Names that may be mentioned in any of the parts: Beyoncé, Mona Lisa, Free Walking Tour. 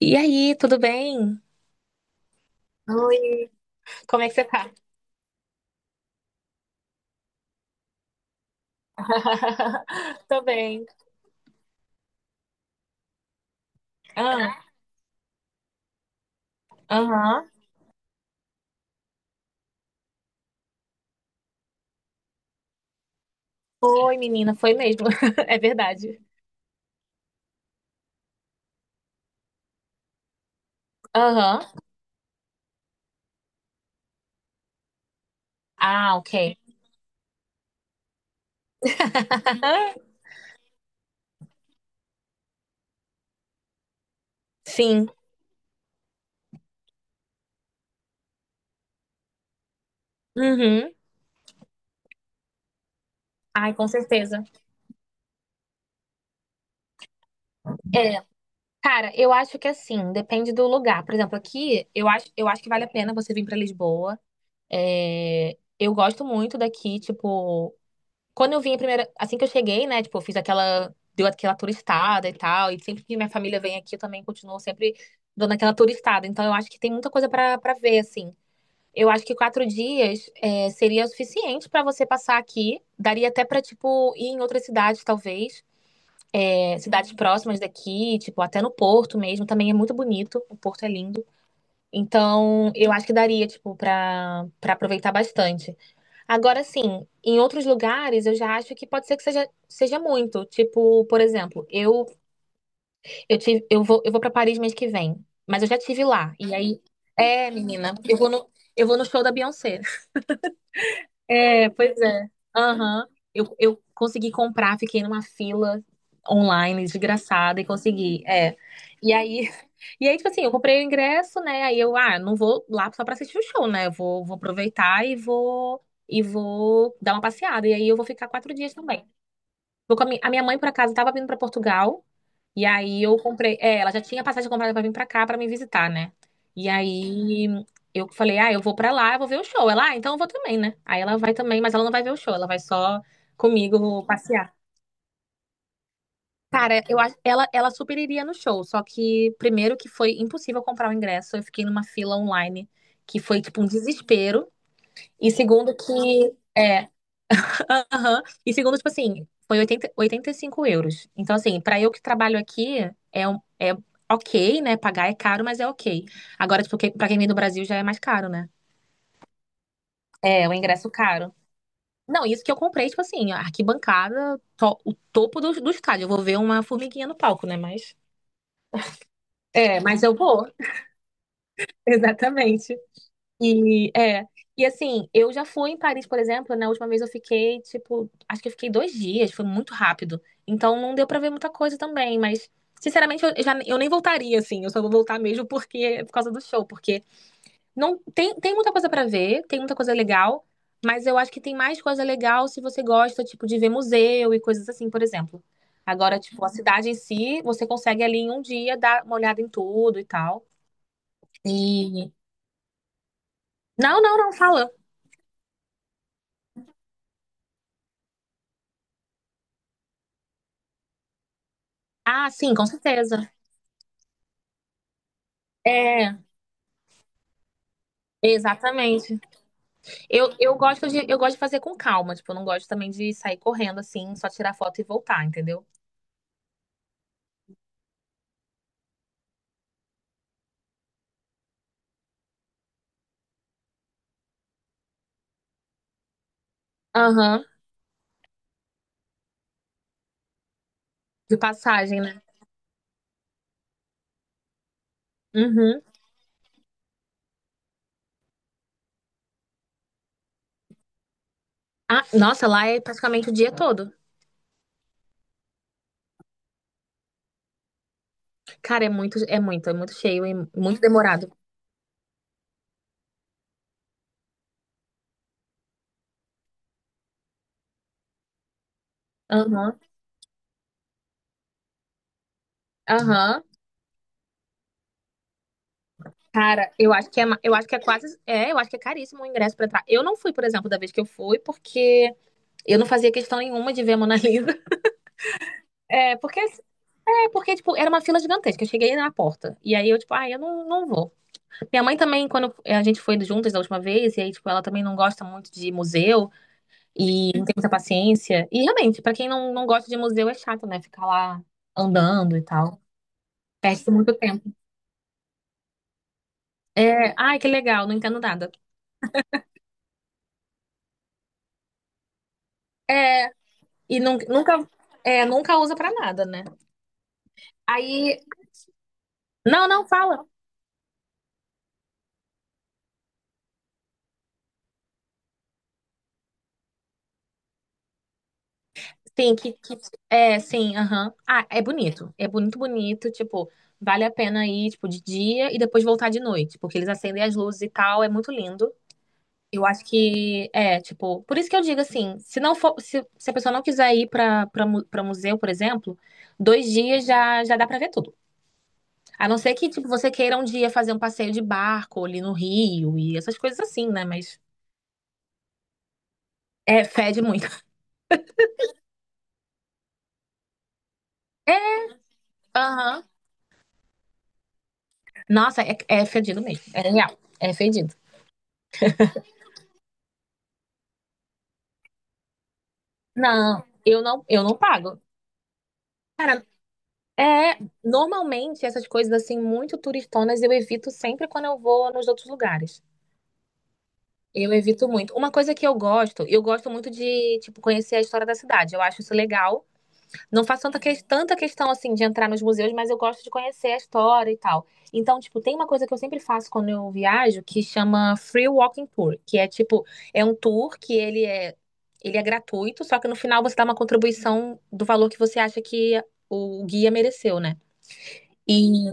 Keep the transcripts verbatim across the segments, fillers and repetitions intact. E aí, tudo bem? Oi, como é que você tá? Tô bem. Ah, aham. Foi, menina, foi mesmo. É verdade. Aham. Ah, ok. Sim. Uhum. Ai, com certeza. Cara, eu acho que assim, depende do lugar. Por exemplo, aqui, eu acho, eu acho que vale a pena você vir pra Lisboa. É, eu gosto muito daqui, tipo. Quando eu vim a primeira, assim que eu cheguei, né, tipo, eu fiz aquela, deu aquela turistada e tal, e sempre que minha família vem aqui, eu também continuo sempre dando aquela turistada. Então eu acho que tem muita coisa pra para ver, assim. Eu acho que quatro dias é, seria o suficiente pra você passar aqui. Daria até pra, tipo, ir em outras cidades, talvez. É, cidades próximas daqui, tipo, até no Porto mesmo. Também é muito bonito. O Porto é lindo. Então, eu acho que daria, tipo, pra, pra aproveitar bastante. Agora, sim, em outros lugares eu já acho que pode ser que seja, seja muito. Tipo, por exemplo, eu eu tive, eu vou, eu vou para Paris mês que vem, mas eu já tive lá. E aí, é, menina, eu vou no, eu vou no show da Beyoncé. É, pois é. Aham. Eu, eu consegui comprar, fiquei numa fila online, desgraçada, e consegui. É. E aí, e aí, tipo assim, eu comprei o ingresso, né? Aí eu, ah, não vou lá só pra assistir o show, né? Eu vou, vou aproveitar e vou, e vou dar uma passeada. E aí eu vou ficar quatro dias também. Vou com a, mi- a minha mãe, por acaso, tava vindo pra Portugal. E aí eu comprei. É, ela já tinha passagem comprada pra vir pra cá pra me visitar, né? E aí eu falei, ah, eu vou pra lá, eu vou ver o show. Ela, ah, então eu vou também, né? Aí ela vai também, mas ela não vai ver o show, ela vai só comigo passear. Cara, eu acho, ela, ela super iria no show, só que primeiro que foi impossível comprar o ingresso, eu fiquei numa fila online, que foi tipo um desespero. E segundo que, é, aham. E segundo, tipo assim, foi oitenta oitenta e cinco euros. Então, assim, pra eu que trabalho aqui, é, um- é ok, né? Pagar é caro, mas é ok. Agora, tipo, que- pra quem vem do Brasil já é mais caro, né? É, o ingresso caro. Não, isso que eu comprei, tipo assim, a arquibancada, to- o topo do, do estádio. Eu vou ver uma formiguinha no palco, né? Mas. É, mas eu vou. Exatamente. E é. E assim, eu já fui em Paris, por exemplo, na última vez eu fiquei, tipo, acho que eu fiquei dois dias, foi muito rápido. Então não deu pra ver muita coisa também, mas sinceramente eu, eu já, eu nem voltaria, assim, eu só vou voltar mesmo porque é por causa do show, porque não tem, tem muita coisa pra ver, tem muita coisa legal, mas eu acho que tem mais coisa legal se você gosta, tipo, de ver museu e coisas assim, por exemplo. Agora, tipo, a cidade em si, você consegue ali em um dia dar uma olhada em tudo e tal. E. Não, não, não, fala. Ah, sim, com certeza. É, exatamente. Eu, eu gosto de, eu gosto de fazer com calma, tipo, eu não gosto também de sair correndo assim, só tirar foto e voltar, entendeu? Aham, de passagem, né? Uhum. Ah, nossa, lá é praticamente o dia todo. Cara, é muito, é muito, é muito cheio e muito demorado. Aham, aham. Cara, eu acho que é, ma- eu acho que é quase, é, eu acho que é caríssimo o ingresso pra entrar. Eu não fui, por exemplo, da vez que eu fui, porque eu não fazia questão nenhuma de ver a Mona Lisa. É, porque é porque, tipo, era uma fila gigantesca. Eu cheguei na porta. E aí eu, tipo, ah, eu não, não vou. Minha mãe também, quando a gente foi juntas da última vez, e aí, tipo, ela também não gosta muito de museu e não tem muita paciência. E realmente, pra quem não, não gosta de museu é chato, né? Ficar lá andando e tal. Perde muito tempo. É, ai, que legal, não entendo nada. E nun- nunca, é, nunca usa pra nada, né? Aí. Não, não, fala. Sim, que, que é, sim, aham. Ah, é bonito. É bonito, bonito, tipo, vale a pena ir, tipo, de dia e depois voltar de noite, porque eles acendem as luzes e tal, é muito lindo. Eu acho que é, tipo, por isso que eu digo assim, se não for, se, se a pessoa não quiser ir pra para para museu, por exemplo, dois dias já já dá pra ver tudo. A não ser que tipo você queira um dia fazer um passeio de barco ali no Rio e essas coisas assim, né? Mas é fede muito. Aham. Nossa, é, é fedido mesmo. É real. É fedido. Não, eu não, eu não pago. Cara, é, normalmente essas coisas assim muito turistonas eu evito sempre quando eu vou nos outros lugares. Eu evito muito. Uma coisa que eu gosto, eu gosto muito de, tipo, conhecer a história da cidade. Eu acho isso legal. Não faço tanta, que- tanta questão assim de entrar nos museus, mas eu gosto de conhecer a história e tal. Então, tipo, tem uma coisa que eu sempre faço quando eu viajo que chama Free Walking Tour, que é tipo, é um tour que ele é ele é gratuito, só que no final você dá uma contribuição do valor que você acha que o guia mereceu, né? E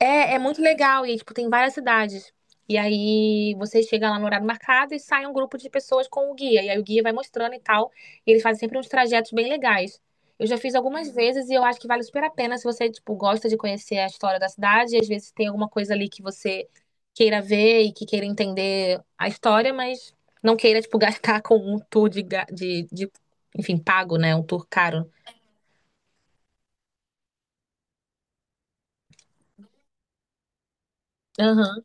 é, é muito legal e tipo tem várias cidades. E aí você chega lá no horário marcado e sai um grupo de pessoas com o guia. E aí o guia vai mostrando e tal. E eles fazem sempre uns trajetos bem legais. Eu já fiz algumas vezes e eu acho que vale super a pena se você tipo gosta de conhecer a história da cidade. E às vezes tem alguma coisa ali que você queira ver e que queira entender a história, mas não queira tipo gastar com um tour de, ga- de, de enfim pago, né? Um tour caro. Aham.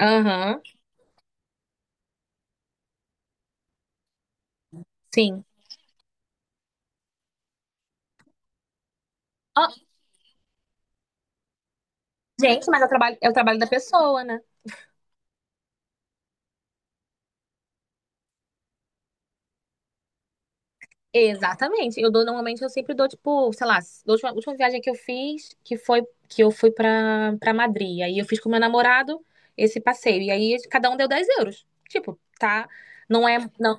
Aham. Sim. Ó, gente, mas é o trabalho, é o trabalho da pessoa, né? Exatamente. Eu dou normalmente eu sempre dou tipo, sei lá, a última, última viagem que eu fiz, que foi que eu fui pra para Madrid. Aí eu fiz com meu namorado esse passeio e aí cada um deu dez euros. Tipo, tá? Não é não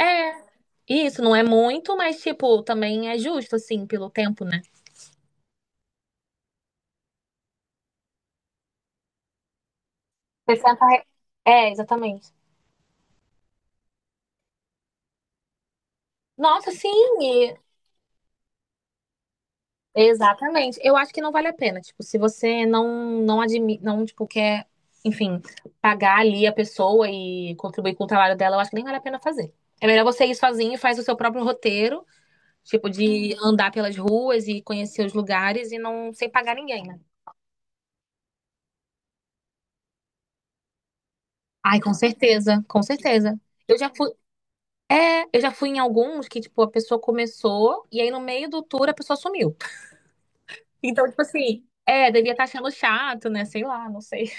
é isso, não é muito, mas tipo, também é justo assim pelo tempo, né? sessenta re- É, exatamente. Nossa, sim, exatamente. Eu acho que não vale a pena. Tipo, se você não não admite, não, tipo, quer, enfim, pagar ali a pessoa e contribuir com o trabalho dela, eu acho que nem vale a pena fazer. É melhor você ir sozinho e faz o seu próprio roteiro, tipo, de andar pelas ruas e conhecer os lugares e não sem pagar ninguém, né? Ai, com certeza, com certeza. Eu já fui, é, eu já fui em alguns que, tipo, a pessoa começou e aí no meio do tour a pessoa sumiu. Então, tipo assim, é, devia estar achando chato, né? Sei lá, não sei.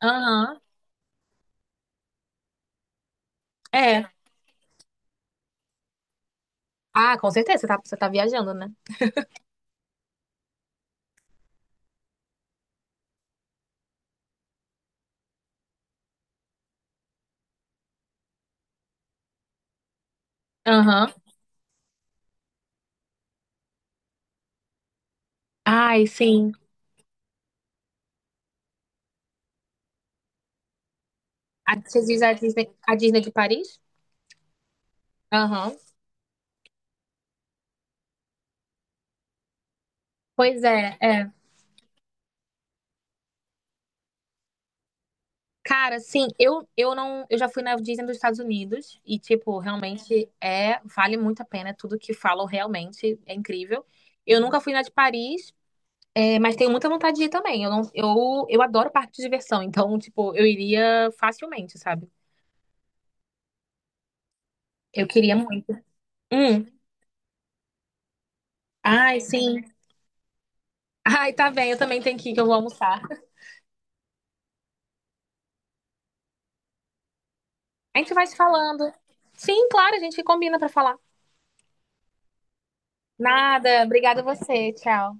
Aham. É. Ah, com certeza, você tá, você tá viajando, né? Aham. Ai, sim. A, você diz a Disney, a Disney de Paris? Aham. Pois é, é. Cara, sim, eu, eu não, eu já fui na Disney dos Estados Unidos e tipo, realmente é, vale muito a pena, tudo que falam realmente é incrível. Eu nunca fui na de Paris, é, mas tenho muita vontade de ir também. Eu não, eu, eu adoro parque de diversão, então tipo, eu iria facilmente, sabe? Eu queria muito. Hum. Ai, sim. Ai, tá bem, eu também tenho que ir, que eu vou almoçar. A gente vai se falando. Sim, claro, a gente combina pra falar. Nada, obrigada a você. Tchau.